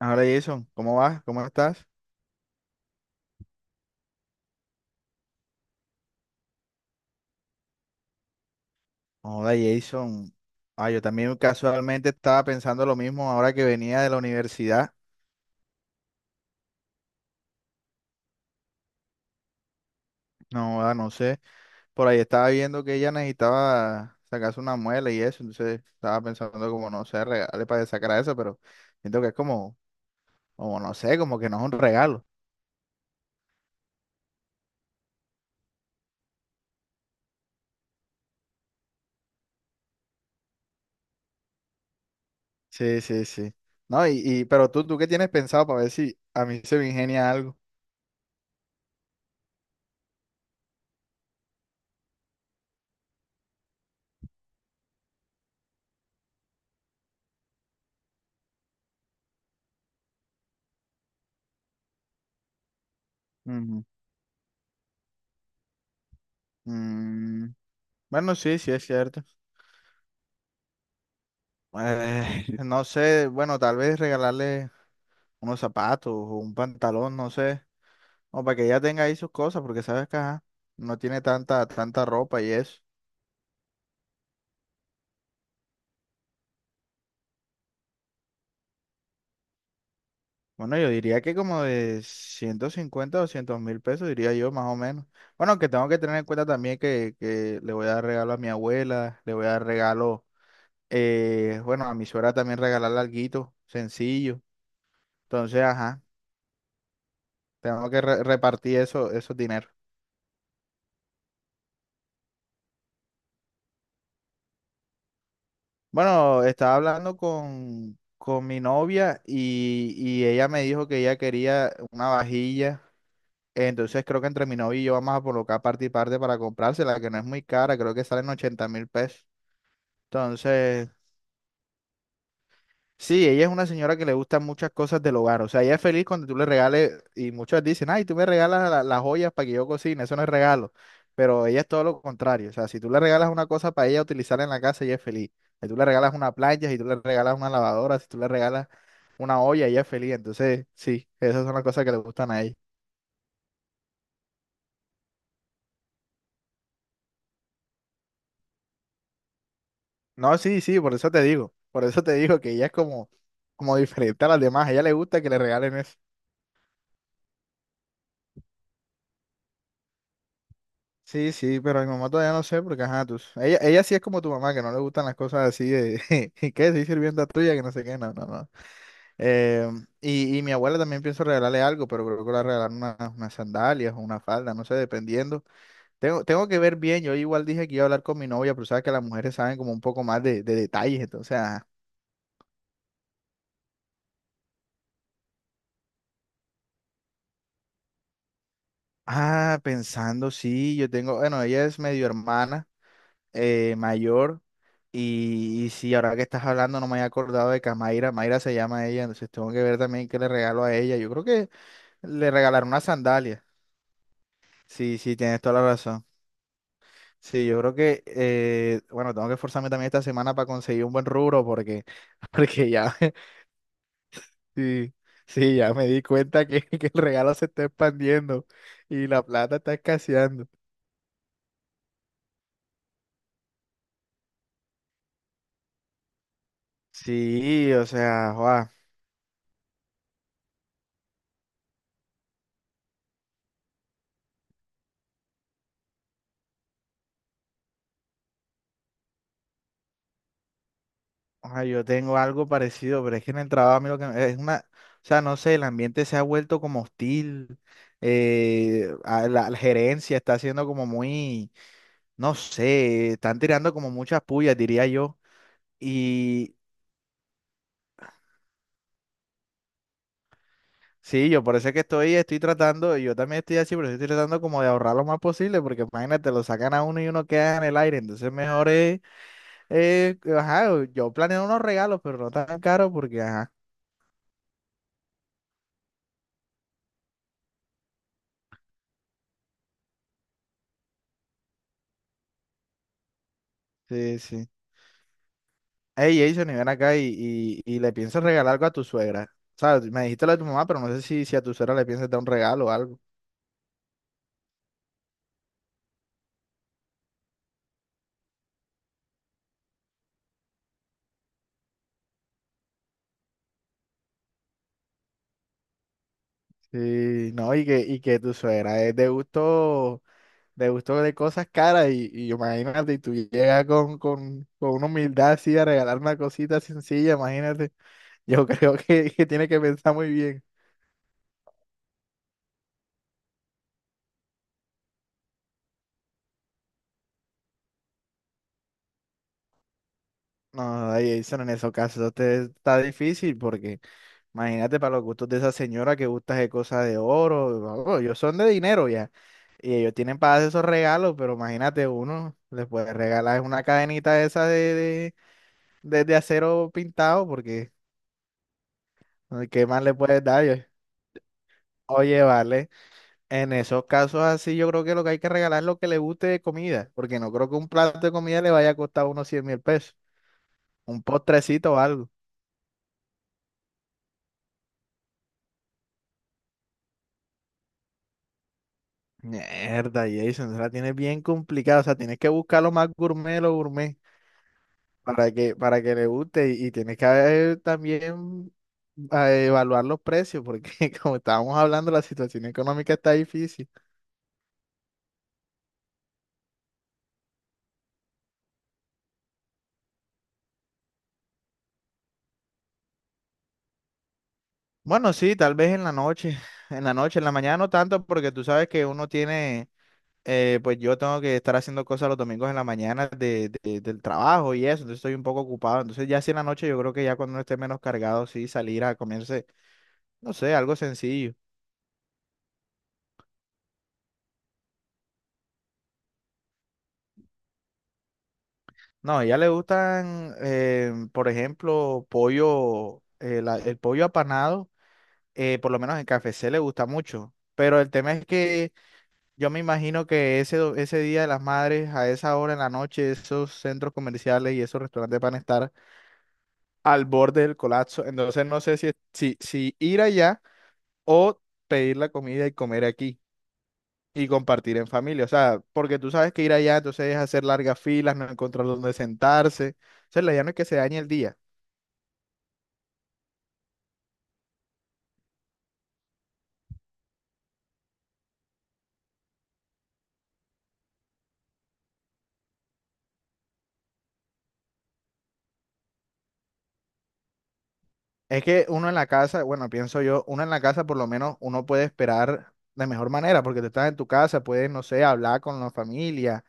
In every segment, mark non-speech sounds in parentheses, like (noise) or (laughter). Hola Jason, ¿cómo vas? ¿Cómo estás? Hola Jason. Ah, yo también casualmente estaba pensando lo mismo ahora que venía de la universidad. No, no sé. Por ahí estaba viendo que ella necesitaba sacarse una muela y eso. Entonces estaba pensando como, no sé, regalarle para sacar a eso, pero siento que es como, como no sé, como que no es un regalo. Sí, sí, sí. No, y pero ¿tú qué tienes pensado para ver si a mí se me ingenia algo? Ujú. Mm, bueno, sí, sí es cierto. (laughs) No sé, bueno, tal vez regalarle unos zapatos o un pantalón, no sé, o para que ella tenga ahí sus cosas, porque sabes que ajá, no tiene tanta ropa y eso. Bueno, yo diría que como de 150.000 o 200.000 pesos, diría yo, más o menos. Bueno, que tengo que tener en cuenta también que le voy a dar regalo a mi abuela, le voy a dar regalo, bueno, a mi suegra también regalarle alguito, sencillo. Entonces, ajá, tengo que repartir eso, esos dineros. Bueno, estaba hablando con mi novia y ella me dijo que ella quería una vajilla. Entonces creo que entre mi novia y yo vamos a colocar parte y parte para comprársela, que no es muy cara, creo que salen 80.000 pesos. Entonces, sí, ella es una señora que le gustan muchas cosas del hogar. O sea, ella es feliz cuando tú le regales, y muchos dicen, ay, tú me regalas las joyas para que yo cocine, eso no es regalo. Pero ella es todo lo contrario. O sea, si tú le regalas una cosa para ella utilizar en la casa, ella es feliz. Si tú le regalas una plancha, si tú le regalas una lavadora, si tú le regalas una olla, ella es feliz. Entonces, sí, esas son las cosas que le gustan a ella. No, sí, sí, por eso te digo. Por eso te digo que ella es como diferente a las demás. A ella le gusta que le regalen eso. Sí, sí, pero a mi mamá todavía no sé porque, ajá, tú, ella sí es como tu mamá, que no le gustan las cosas así de, (laughs) ¿y qué? Soy sirvienta tuya, que no sé qué, no, no, no. Eh, y mi abuela también pienso regalarle algo, pero creo que le voy a regalar unas sandalias o una falda, no sé, dependiendo. Tengo que ver bien. Yo igual dije que iba a hablar con mi novia, pero sabes que las mujeres saben como un poco más de detalles, entonces, ajá. Ah, pensando, sí, yo tengo, bueno, ella es medio hermana. Mayor. Y sí, ahora que estás hablando, no me había acordado de que Camaira. Mayra Mayra se llama ella, entonces tengo que ver también qué le regalo a ella. Yo creo que le regalaron una sandalia. Sí, sí, tienes toda la razón. Sí, yo creo que, bueno, tengo que esforzarme también esta semana para conseguir un buen rubro porque, (laughs) porque ya, sí, sí, ya me di cuenta que, (laughs) que el regalo se está expandiendo y la plata está escaseando. Sí, o sea. Ah, yo tengo algo parecido, pero es que en el trabajo a mí lo que es una, o sea, no sé, el ambiente se ha vuelto como hostil, a la gerencia está haciendo como muy, no sé, están tirando como muchas pullas, diría yo. Y sí, yo por eso es que estoy tratando, yo también estoy así, pero estoy tratando como de ahorrar lo más posible, porque imagínate, lo sacan a uno y uno queda en el aire, entonces mejor es, ajá, yo planeo unos regalos, pero no tan caros, porque ajá, sí, sí. Hey, Jason, y ven acá y le piensas regalar algo a tu suegra. ¿Sabes? Me dijiste lo de tu mamá, pero no sé si a tu suegra le piensas dar un regalo o algo. Sí, no, y que tu suegra es de gusto de cosas caras. Y imagínate, y tú llegas con una humildad así a regalar una cosita sencilla, imagínate. Yo (laughs) creo que tiene que pensar muy bien. No, ay, Jason, en esos casos te está difícil porque. Imagínate para los gustos de esa señora que gusta de cosas de oro. Vamos, ellos son de dinero ya. Y ellos tienen para hacer esos regalos, pero imagínate uno, les puede regalar una cadenita esa de acero pintado, porque ¿qué más le puedes dar? Oye, vale. En esos casos así, yo creo que lo que hay que regalar es lo que le guste de comida, porque no creo que un plato de comida le vaya a costar unos 100.000 pesos. Un postrecito o algo. Mierda, Jason, la tienes bien complicada. O sea, tienes que buscar lo más gourmet, de lo gourmet. Para que le guste y tienes que haber también a evaluar los precios, porque (laughs) como estábamos hablando, la situación económica está difícil. Bueno, sí, tal vez en la noche, en la mañana no tanto, porque tú sabes que uno tiene, pues yo tengo que estar haciendo cosas los domingos en la mañana del trabajo y eso, entonces estoy un poco ocupado. Entonces ya si en la noche yo creo que ya cuando uno esté menos cargado, sí, salir a comerse, no sé, algo sencillo. No, a ella le gustan, por ejemplo, pollo, el pollo apanado, por lo menos en KFC le gusta mucho. Pero el tema es que yo me imagino que ese Día de las Madres, a esa hora en la noche, esos centros comerciales y esos restaurantes van a estar al borde del colapso. Entonces no sé si ir allá o pedir la comida y comer aquí y compartir en familia. O sea, porque tú sabes que ir allá entonces es hacer largas filas, no encontrar dónde sentarse. O sea, la idea no es que se dañe el día. Es que uno en la casa, bueno, pienso yo, uno en la casa por lo menos uno puede esperar de mejor manera, porque tú estás en tu casa, puedes, no sé, hablar con la familia,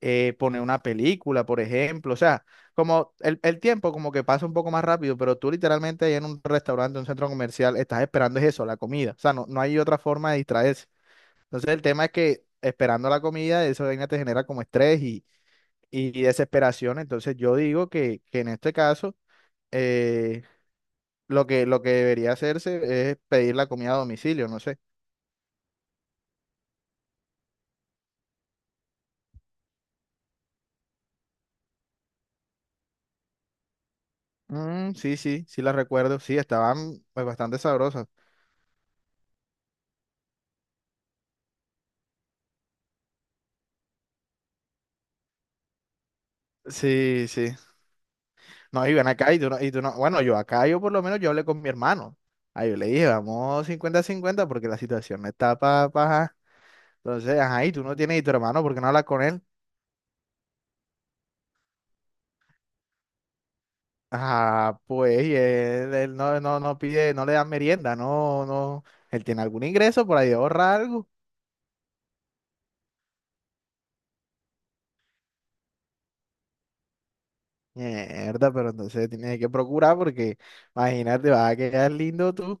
poner una película, por ejemplo, o sea, como el tiempo como que pasa un poco más rápido, pero tú literalmente ahí en un restaurante, un centro comercial, estás esperando es eso, la comida, o sea, no hay otra forma de distraerse. Entonces el tema es que esperando la comida, eso vaina te genera como estrés y desesperación, entonces yo digo que en este caso... eh, lo que debería hacerse es pedir la comida a domicilio, no sé. Mm, sí, sí, sí la recuerdo. Sí, estaban pues, bastante sabrosas. Sí, sí. No, y ven acá y tú no, y tú no. Bueno, yo acá, yo por lo menos yo hablé con mi hermano. Ahí yo le dije, vamos 50 a 50 porque la situación no está para... Pa, entonces, ajá, y tú no tienes y tu hermano, ¿por qué no hablas con él? Ajá, pues, y él no, no pide, no le dan merienda, no, no. Él tiene algún ingreso por ahí, ahorra algo. Mierda, pero entonces tienes que procurar porque imagínate, vas a quedar lindo tú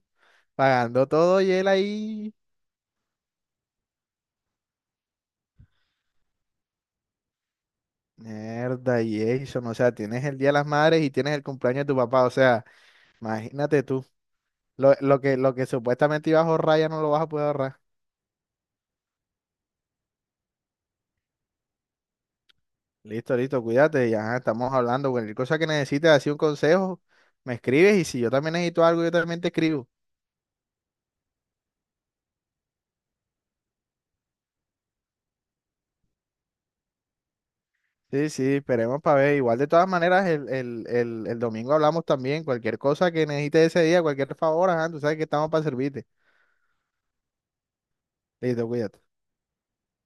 pagando todo y él ahí. Mierda, y eso, o sea, tienes el Día de las Madres y tienes el cumpleaños de tu papá, o sea, imagínate tú, lo que supuestamente ibas a ahorrar ya no lo vas a poder ahorrar. Listo, listo, cuídate, ya estamos hablando, cualquier cosa que necesites, así un consejo, me escribes y si yo también necesito algo, yo también te escribo. Sí, sí, esperemos para ver. Igual de todas maneras, el domingo hablamos también. Cualquier cosa que necesites ese día, cualquier favor, ajá, tú sabes que estamos para servirte. Listo, cuídate.